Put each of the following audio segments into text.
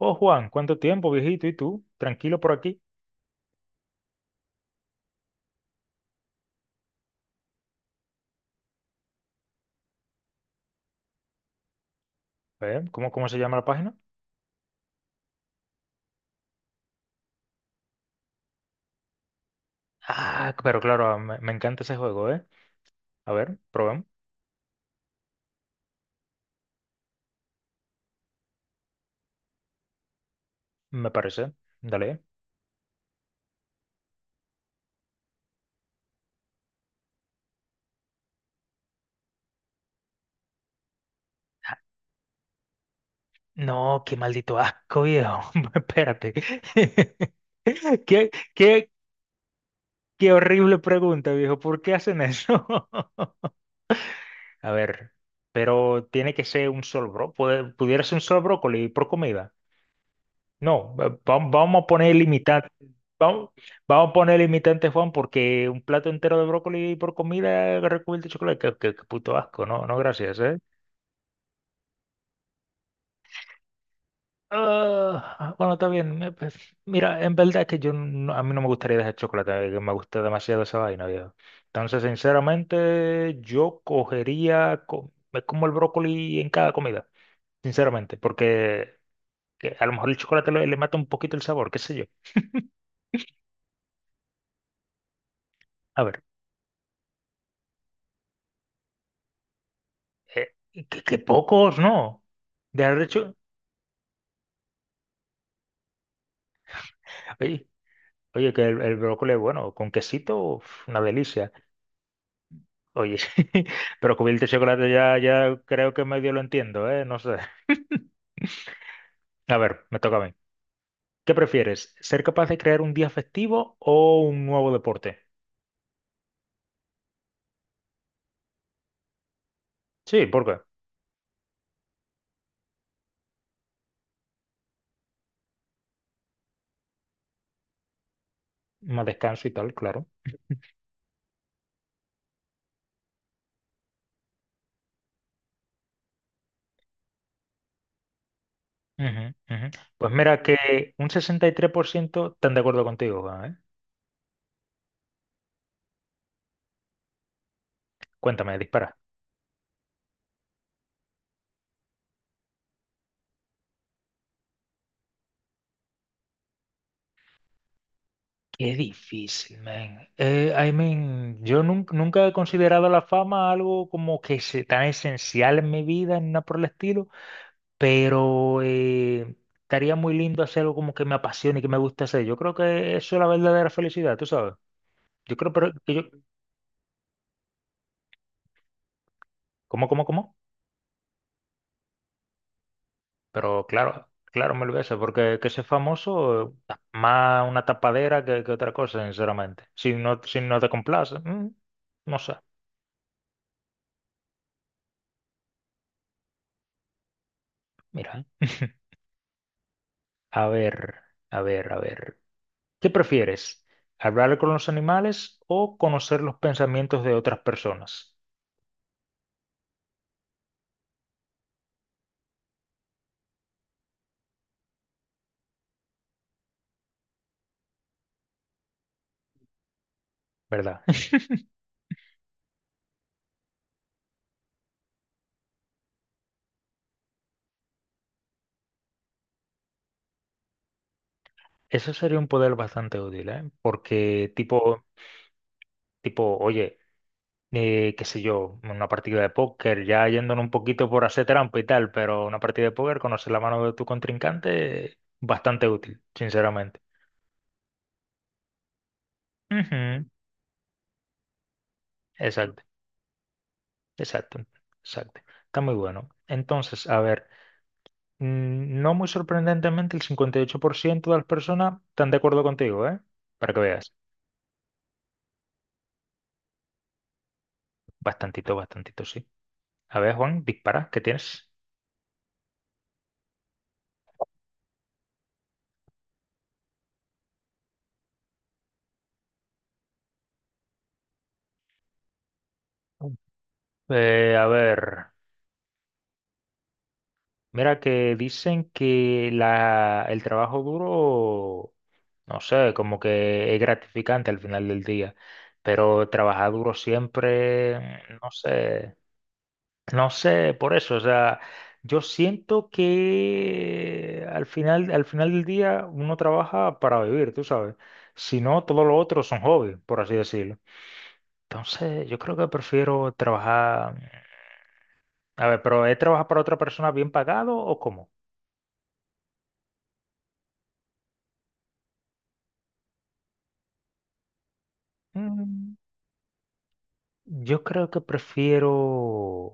Oh, Juan, ¿cuánto tiempo, viejito? ¿Y tú? Tranquilo por aquí. ¿Eh? ¿Cómo se llama la página? Ah, pero claro, me encanta ese juego, ¿eh? A ver, probemos. Me parece. Dale. No, qué maldito asco, viejo. Espérate. Qué, qué, qué horrible pregunta, viejo. ¿Por qué hacen eso? A ver, pero tiene que ser un solo bro. Pudiera ser un solo brócoli por comida. No, vamos a poner limitantes. Vamos, vamos a poner limitantes, Juan, porque un plato entero de brócoli por comida recubierto de chocolate, qué puto asco, no, no, gracias, ¿eh? Ah, bueno, está bien. Pues, mira, en verdad es que yo no- a mí no me gustaría dejar chocolate, que me gusta demasiado esa vaina, viejo. Entonces, sinceramente, me como el brócoli en cada comida, sinceramente, porque que a lo mejor el chocolate le mata un poquito el sabor, qué sé yo. A ver. Eh, qué pocos, ¿no? De haber hecho. Oye, oye, que el brócoli es bueno, con quesito, uf, una delicia. Oye, pero cubierto de chocolate ya creo que medio lo entiendo, ¿eh? No sé. A ver, me toca a mí. ¿Qué prefieres? ¿Ser capaz de crear un día festivo o un nuevo deporte? Sí, ¿por qué? Más descanso y tal, claro. Ujú, ujú. Pues mira que un 63% están de acuerdo contigo, ¿eh? Cuéntame, dispara. Qué difícil, man. I mean, nunca he considerado la fama algo como que tan esencial en mi vida, ni nada por el estilo, pero estaría muy lindo hacer algo como que me apasione y que me guste hacer. Yo creo que eso es la verdadera felicidad, tú sabes. Yo creo pero, que yo... ¿Cómo? Pero claro, claro, me lo voy a hacer, porque que ser famoso más una tapadera que otra cosa, sinceramente. Si no, si no te complace, no sé. Mira, a ver, a ver, a ver. ¿Qué prefieres? ¿Hablar con los animales o conocer los pensamientos de otras personas? ¿Verdad? Eso sería un poder bastante útil, ¿eh? Porque tipo, oye, qué sé yo, una partida de póker, ya yéndonos un poquito por hacer trampa y tal, pero una partida de póker, conocer la mano de tu contrincante, bastante útil, sinceramente. Ujú, exacto, exacto, exacto. Está muy bueno. Entonces, a ver. No muy sorprendentemente, el 58% de las personas están de acuerdo contigo, ¿eh? Para que veas. Bastantito, bastantito, sí. A ver, Juan, dispara, ¿qué tienes? A ver, mira que dicen que el trabajo duro, no sé, como que es gratificante al final del día, pero trabajar duro siempre, mm, no sé, No sé, por eso, o sea, yo siento que al final del día uno trabaja para vivir, tú sabes. Si no, todo lo otro son hobbies, por así decirlo. Entonces, yo creo que prefiero trabajar. A ver, pero ¿es trabajar para otra persona bien pagado o cómo? Mm, Yo creo que prefiero,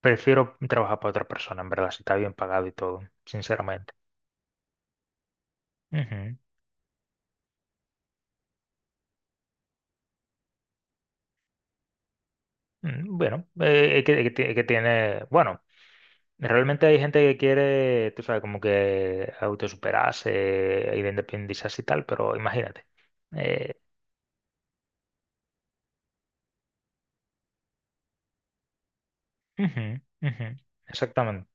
prefiero trabajar para otra persona, en verdad, si está bien pagado y todo, sinceramente. Ujú. Bueno, es que tiene, bueno. Realmente hay gente que quiere, tú sabes, como que autosuperarse y de independizarse y tal, pero imagínate. Eh, Ujú, ujú, exactamente.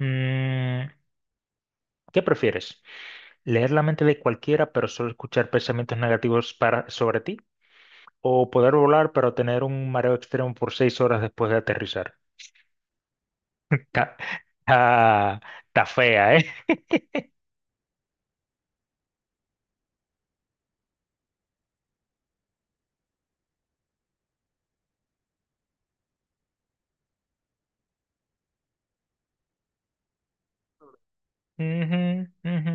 Mm, ¿Qué prefieres? ¿Leer la mente de cualquiera, pero solo escuchar pensamientos negativos para, sobre ti? ¿O poder volar, pero tener un mareo extremo por 6 horas después de aterrizar? Está, está- está fea, ¿eh? Ujú, ujú.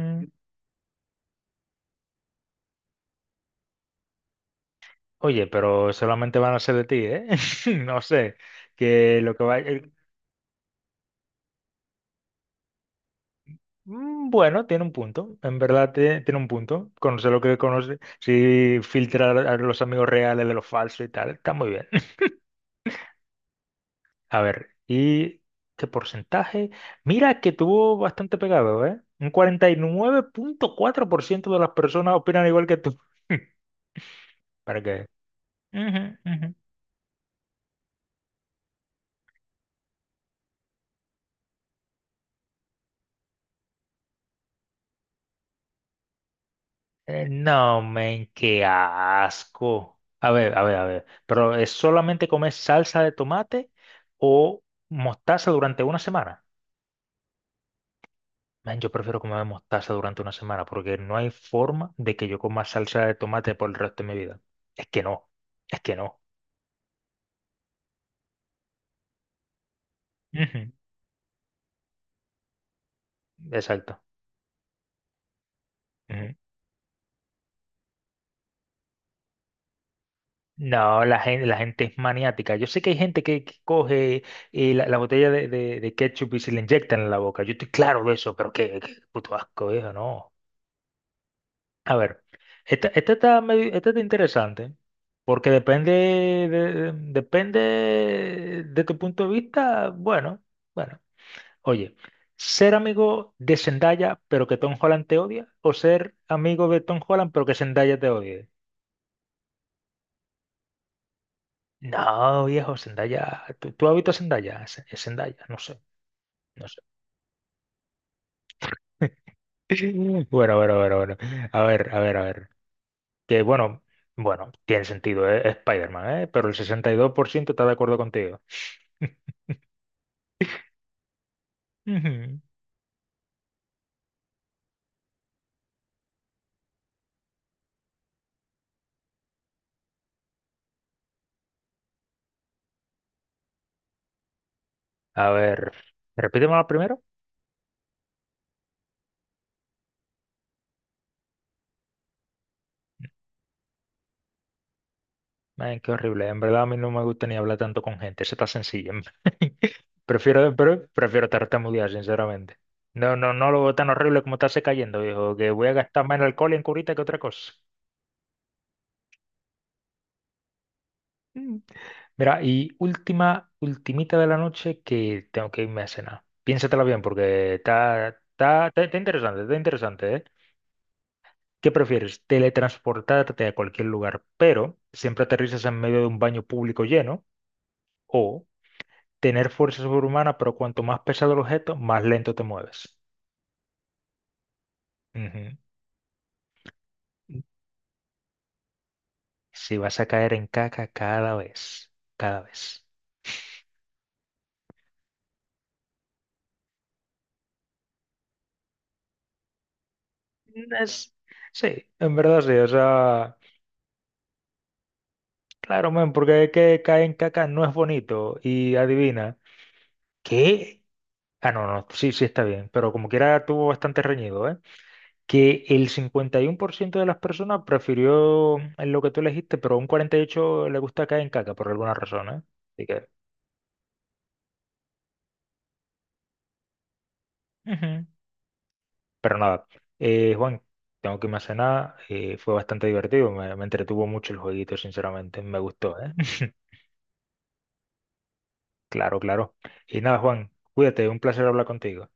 Oye, pero solamente van a ser de ti, ¿eh? No sé. Que lo que va... el- Bueno, tiene un punto, en verdad tiene un punto. Conocer lo que conoce, sí, filtrar a los amigos reales de los falsos y tal, está muy bien. A ver, ¿y qué porcentaje? Mira que tuvo bastante pegado, ¿eh? Un 49.4% de las personas opinan igual que tú. ¿Para qué? No, men, qué asco. A ver, a ver, a ver. Pero es solamente comer salsa de tomate o mostaza durante una semana. Men, yo prefiero comer mostaza durante una semana porque no hay forma de que yo coma salsa de tomate por el resto de mi vida. Es que no, es que no. Ujú, exacto. Ujú. No, la gente es maniática. Yo sé que hay gente que coge la botella de ketchup y se le inyectan en la boca. Yo estoy claro de eso, pero qué puto asco, viejo, no. A ver, esta está interesante porque depende de tu punto de vista. Bueno, bueno. Oye, ser amigo de Zendaya pero que Tom Holland te odia o ser amigo de Tom Holland pero que Zendaya te odie. No, viejo, Zendaya. ¿Tú has visto a Zendaya? Zendaya, no sé. Bueno, bueno, bueno, bueno. A ver, a ver, a ver. Que bueno, bueno, tiene sentido, ¿eh? Es Spider-Man, ¿eh? Pero el 62% está de acuerdo contigo. Ujú. A ver, repíteme la primero. Ay, qué horrible. En verdad a mí no me gusta ni hablar tanto con gente. Eso está sencillo. Prefiero tartamudear, sinceramente. No, no, no lo veo tan horrible como estarse cayendo, viejo, que voy a gastar más en alcohol y en curita que otra cosa. Mm. Mira, y última, ultimita de la noche que tengo que irme a cenar. Piénsatela bien porque está interesante, está interesante, ¿eh? ¿Qué prefieres? Teletransportarte a cualquier lugar, pero siempre aterrizas en medio de un baño público lleno, o tener fuerza sobrehumana, pero cuanto más pesado el objeto, más lento te mueves. Ujú. Si vas a caer en caca cada vez, cada vez. Es- sí, en verdad sí, o sea, claro, men, porque es que caer en caca no es bonito y adivina, ¿qué? Ah, no, no, sí, sí está bien, pero como quiera tuvo bastante reñido, ¿eh? Que el 51% de las personas prefirió lo que tú elegiste, pero un 48% le gusta caer en caca por alguna razón, ¿eh? Así que... Ujú. Pero nada, Juan, tengo que irme a cenar. Fue bastante divertido, me entretuvo mucho el jueguito, sinceramente, me gustó, ¿eh? Claro, claro. Y nada, Juan, cuídate, un placer hablar contigo.